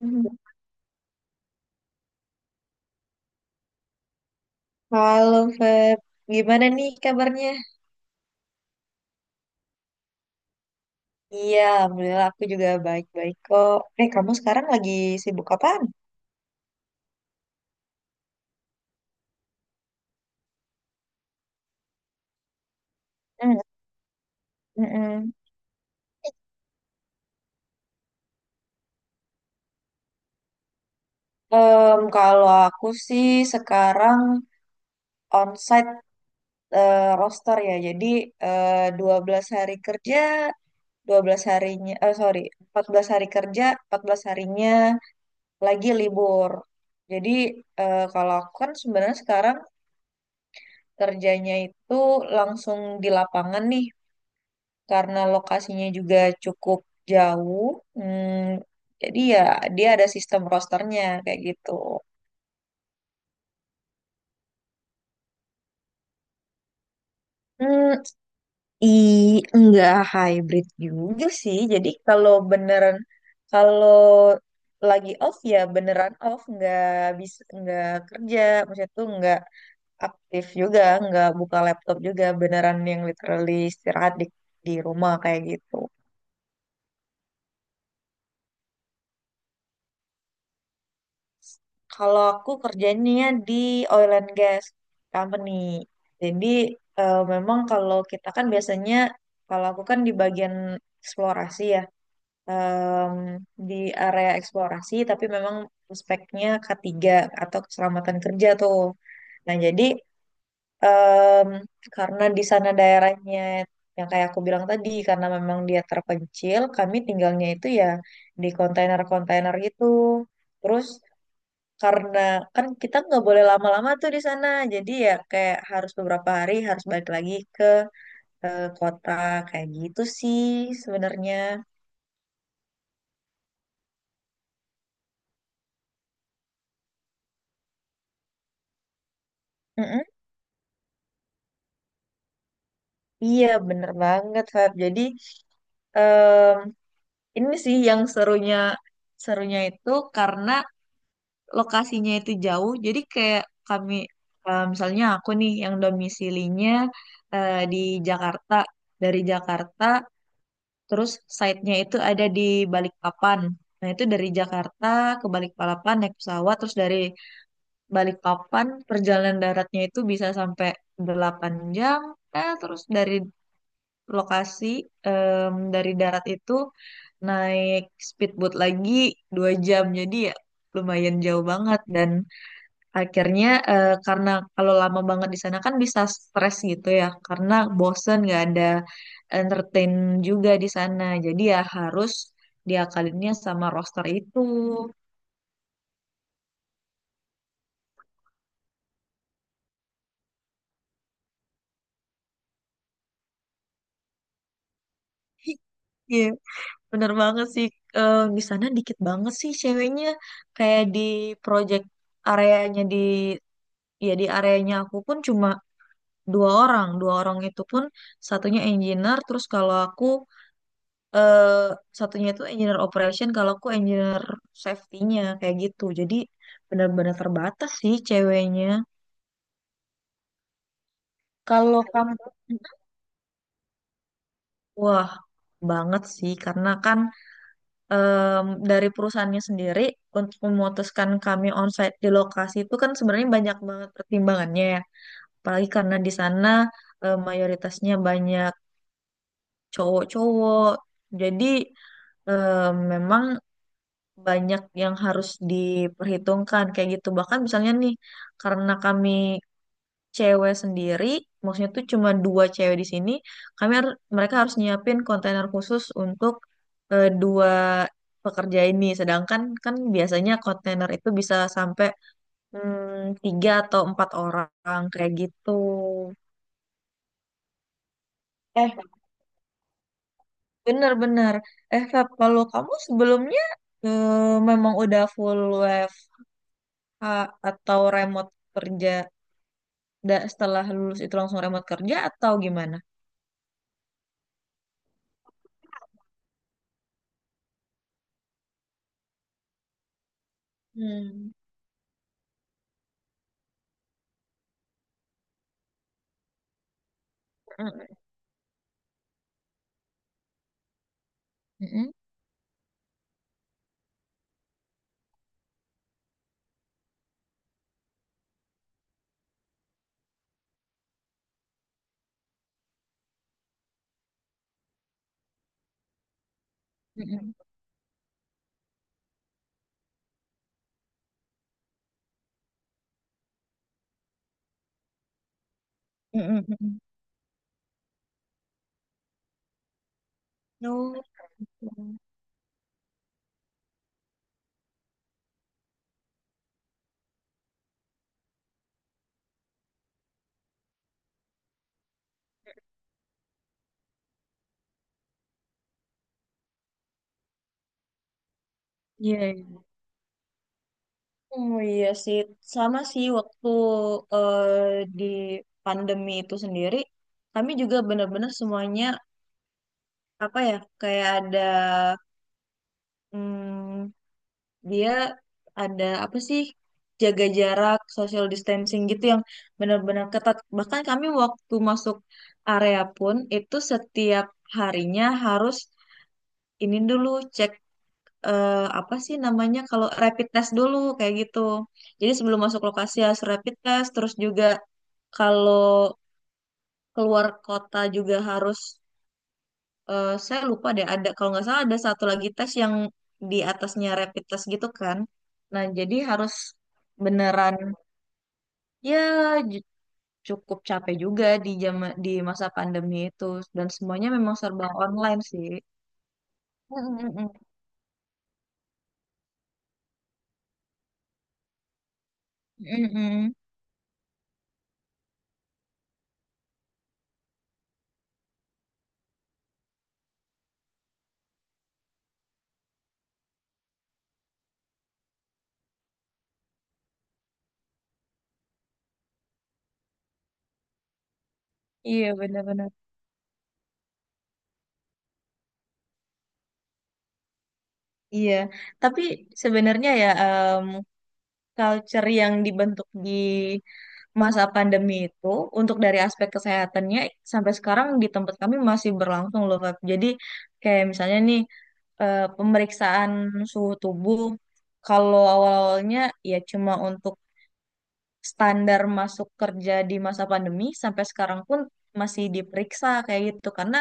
Mhm. Halo Feb, gimana nih kabarnya? Iya, alhamdulillah aku juga baik-baik kok. Kamu sekarang lagi sibuk apaan? Hmm, mm-mm. Kalau aku sih sekarang onsite, roster ya. Jadi, 12 hari kerja, 12 harinya, eh sorry, 14 hari kerja, 14 harinya lagi libur. Jadi, kalau aku kan sebenarnya sekarang kerjanya itu langsung di lapangan nih, karena lokasinya juga cukup jauh. Hmm, jadi ya dia ada sistem rosternya kayak gitu. Hmm, i enggak hybrid juga sih. Jadi kalau beneran, kalau lagi off ya beneran off, nggak bisa, nggak kerja, maksudnya tuh nggak aktif, juga nggak buka laptop, juga beneran yang literally istirahat di rumah kayak gitu. Kalau aku kerjanya di oil and gas company. Jadi, memang kalau kita kan biasanya, kalau aku kan di bagian eksplorasi ya, em, di area eksplorasi, tapi memang speknya K3 atau keselamatan kerja tuh. Nah jadi, em, karena di sana daerahnya yang kayak aku bilang tadi, karena memang dia terpencil, kami tinggalnya itu ya di kontainer-kontainer gitu. Terus karena kan kita nggak boleh lama-lama tuh di sana, jadi ya kayak harus beberapa hari harus balik lagi ke kota kayak gitu sih sebenarnya. Mm-mm. Iya, bener banget Feb. Jadi, em, ini sih yang serunya, serunya itu karena lokasinya itu jauh, jadi kayak kami, misalnya aku nih yang domisilinya di Jakarta. Dari Jakarta, terus site-nya itu ada di Balikpapan. Nah, itu dari Jakarta ke Balikpapan naik pesawat, terus dari Balikpapan perjalanan daratnya itu bisa sampai 8 jam. Terus dari lokasi, dari darat itu naik speedboat lagi 2 jam. Jadi ya lumayan jauh banget. Dan akhirnya, karena kalau lama banget di sana kan bisa stres gitu ya, karena bosen, nggak ada entertain juga di sana. Jadi ya harus diakalinnya sama roster itu. Iya, bener banget sih. Di sana dikit banget sih ceweknya. Kayak di project areanya, di ya di areanya aku pun cuma dua orang. Dua orang itu pun satunya engineer, terus kalau aku, eh satunya itu engineer operation, kalau aku engineer safety-nya kayak gitu. Jadi benar-benar terbatas sih ceweknya. Kalau kamu, wah, banget sih, karena kan, dari perusahaannya sendiri untuk memutuskan kami onsite di lokasi itu kan sebenarnya banyak banget pertimbangannya ya. Apalagi karena di sana, mayoritasnya banyak cowok-cowok. Jadi, memang banyak yang harus diperhitungkan kayak gitu. Bahkan misalnya nih, karena kami cewek sendiri, maksudnya tuh cuma dua cewek di sini, mereka harus nyiapin kontainer khusus untuk, dua pekerja ini. Sedangkan kan biasanya kontainer itu bisa sampai, hmm, tiga atau empat orang kayak gitu. Eh, Bener-bener. Feb, kalau kamu sebelumnya, eh, memang udah full WFH atau remote kerja, setelah lulus itu langsung remote kerja atau gimana? Hmm. Mm-mm. Mm-mm. Mm-mm. Mm-mm. Oh, iya, iya. Oh iya sih, sama sih waktu, eh, di pandemi itu sendiri, kami juga benar-benar semuanya, apa ya, kayak ada, hmm, dia ada apa sih, jaga jarak, social distancing gitu yang benar-benar ketat. Bahkan kami waktu masuk area pun itu setiap harinya harus ini dulu, cek, apa sih namanya, kalau rapid test dulu kayak gitu. Jadi sebelum masuk lokasi harus rapid test, terus juga kalau keluar kota juga harus, saya lupa deh, ada kalau nggak salah ada satu lagi tes yang di atasnya rapid test gitu kan. Nah, jadi harus beneran ya, ju- cukup capek juga di, di masa pandemi itu, dan semuanya memang serba online sih. Mm-mm-mm. Mm-mm. Iya, benar-benar. Iya, tapi sebenarnya ya, culture yang dibentuk di masa pandemi itu untuk dari aspek kesehatannya sampai sekarang di tempat kami masih berlangsung loh Feb. Jadi kayak misalnya nih, pemeriksaan suhu tubuh, kalau awal-awalnya ya cuma untuk standar masuk kerja di masa pandemi, sampai sekarang pun masih diperiksa kayak gitu, karena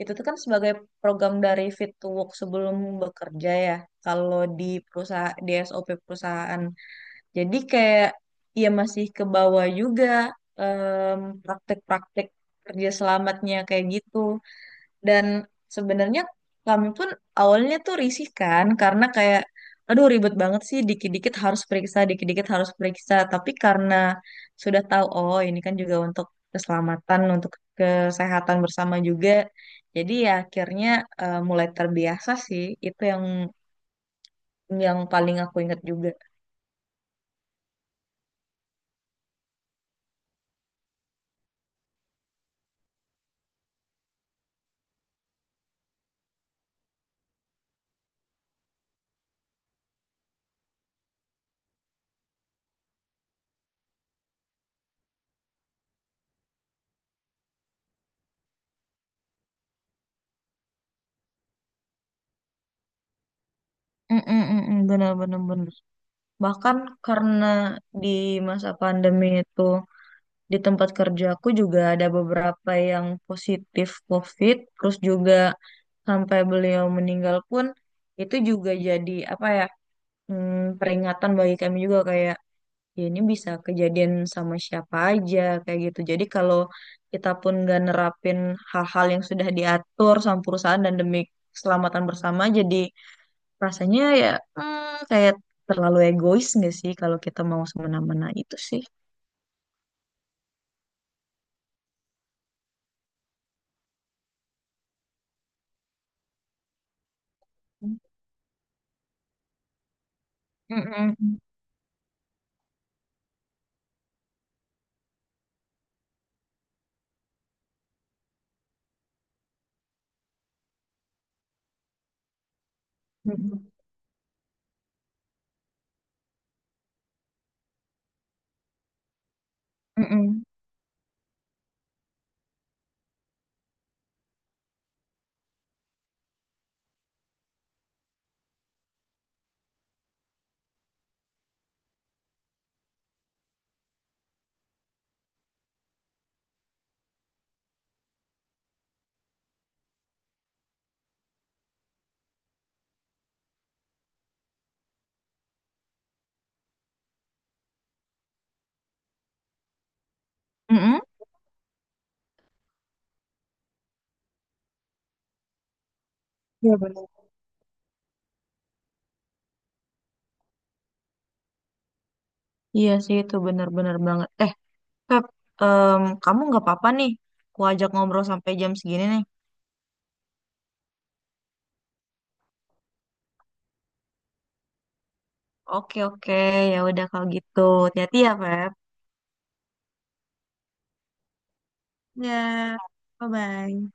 itu tuh kan sebagai program dari Fit to Work sebelum bekerja ya, kalau di perusahaan, di SOP perusahaan. Jadi kayak ya masih ke bawah juga, praktek-praktek kerja selamatnya kayak gitu. Dan sebenarnya kami pun awalnya tuh risih kan, karena kayak, aduh ribet banget sih, dikit-dikit harus periksa, dikit-dikit harus periksa. Tapi karena sudah tahu, oh ini kan juga untuk keselamatan, untuk kesehatan bersama juga. Jadi ya akhirnya, mulai terbiasa sih. Itu yang paling aku ingat juga. Mm-mm, mm-mm, bener bener bener. Bahkan karena di masa pandemi itu di tempat kerjaku juga ada beberapa yang positif COVID, terus juga sampai beliau meninggal pun, itu juga jadi apa ya, peringatan bagi kami juga, kayak ya ini bisa kejadian sama siapa aja kayak gitu. Jadi kalau kita pun nggak nerapin hal-hal yang sudah diatur sama perusahaan dan demi keselamatan bersama, jadi rasanya ya, kayak terlalu egois nggak sih kalau kita mau semena-mena, itu sih. Mm-mm. Mm-mm. Mm-mm. Mm-mm. Iya benar. Iya sih, itu benar-benar banget. Pep, kamu nggak apa-apa nih? Aku ajak ngobrol sampai jam segini nih. Oke, oke, ya udah kalau gitu. Hati-hati ya, Pep. Ya, bye-bye.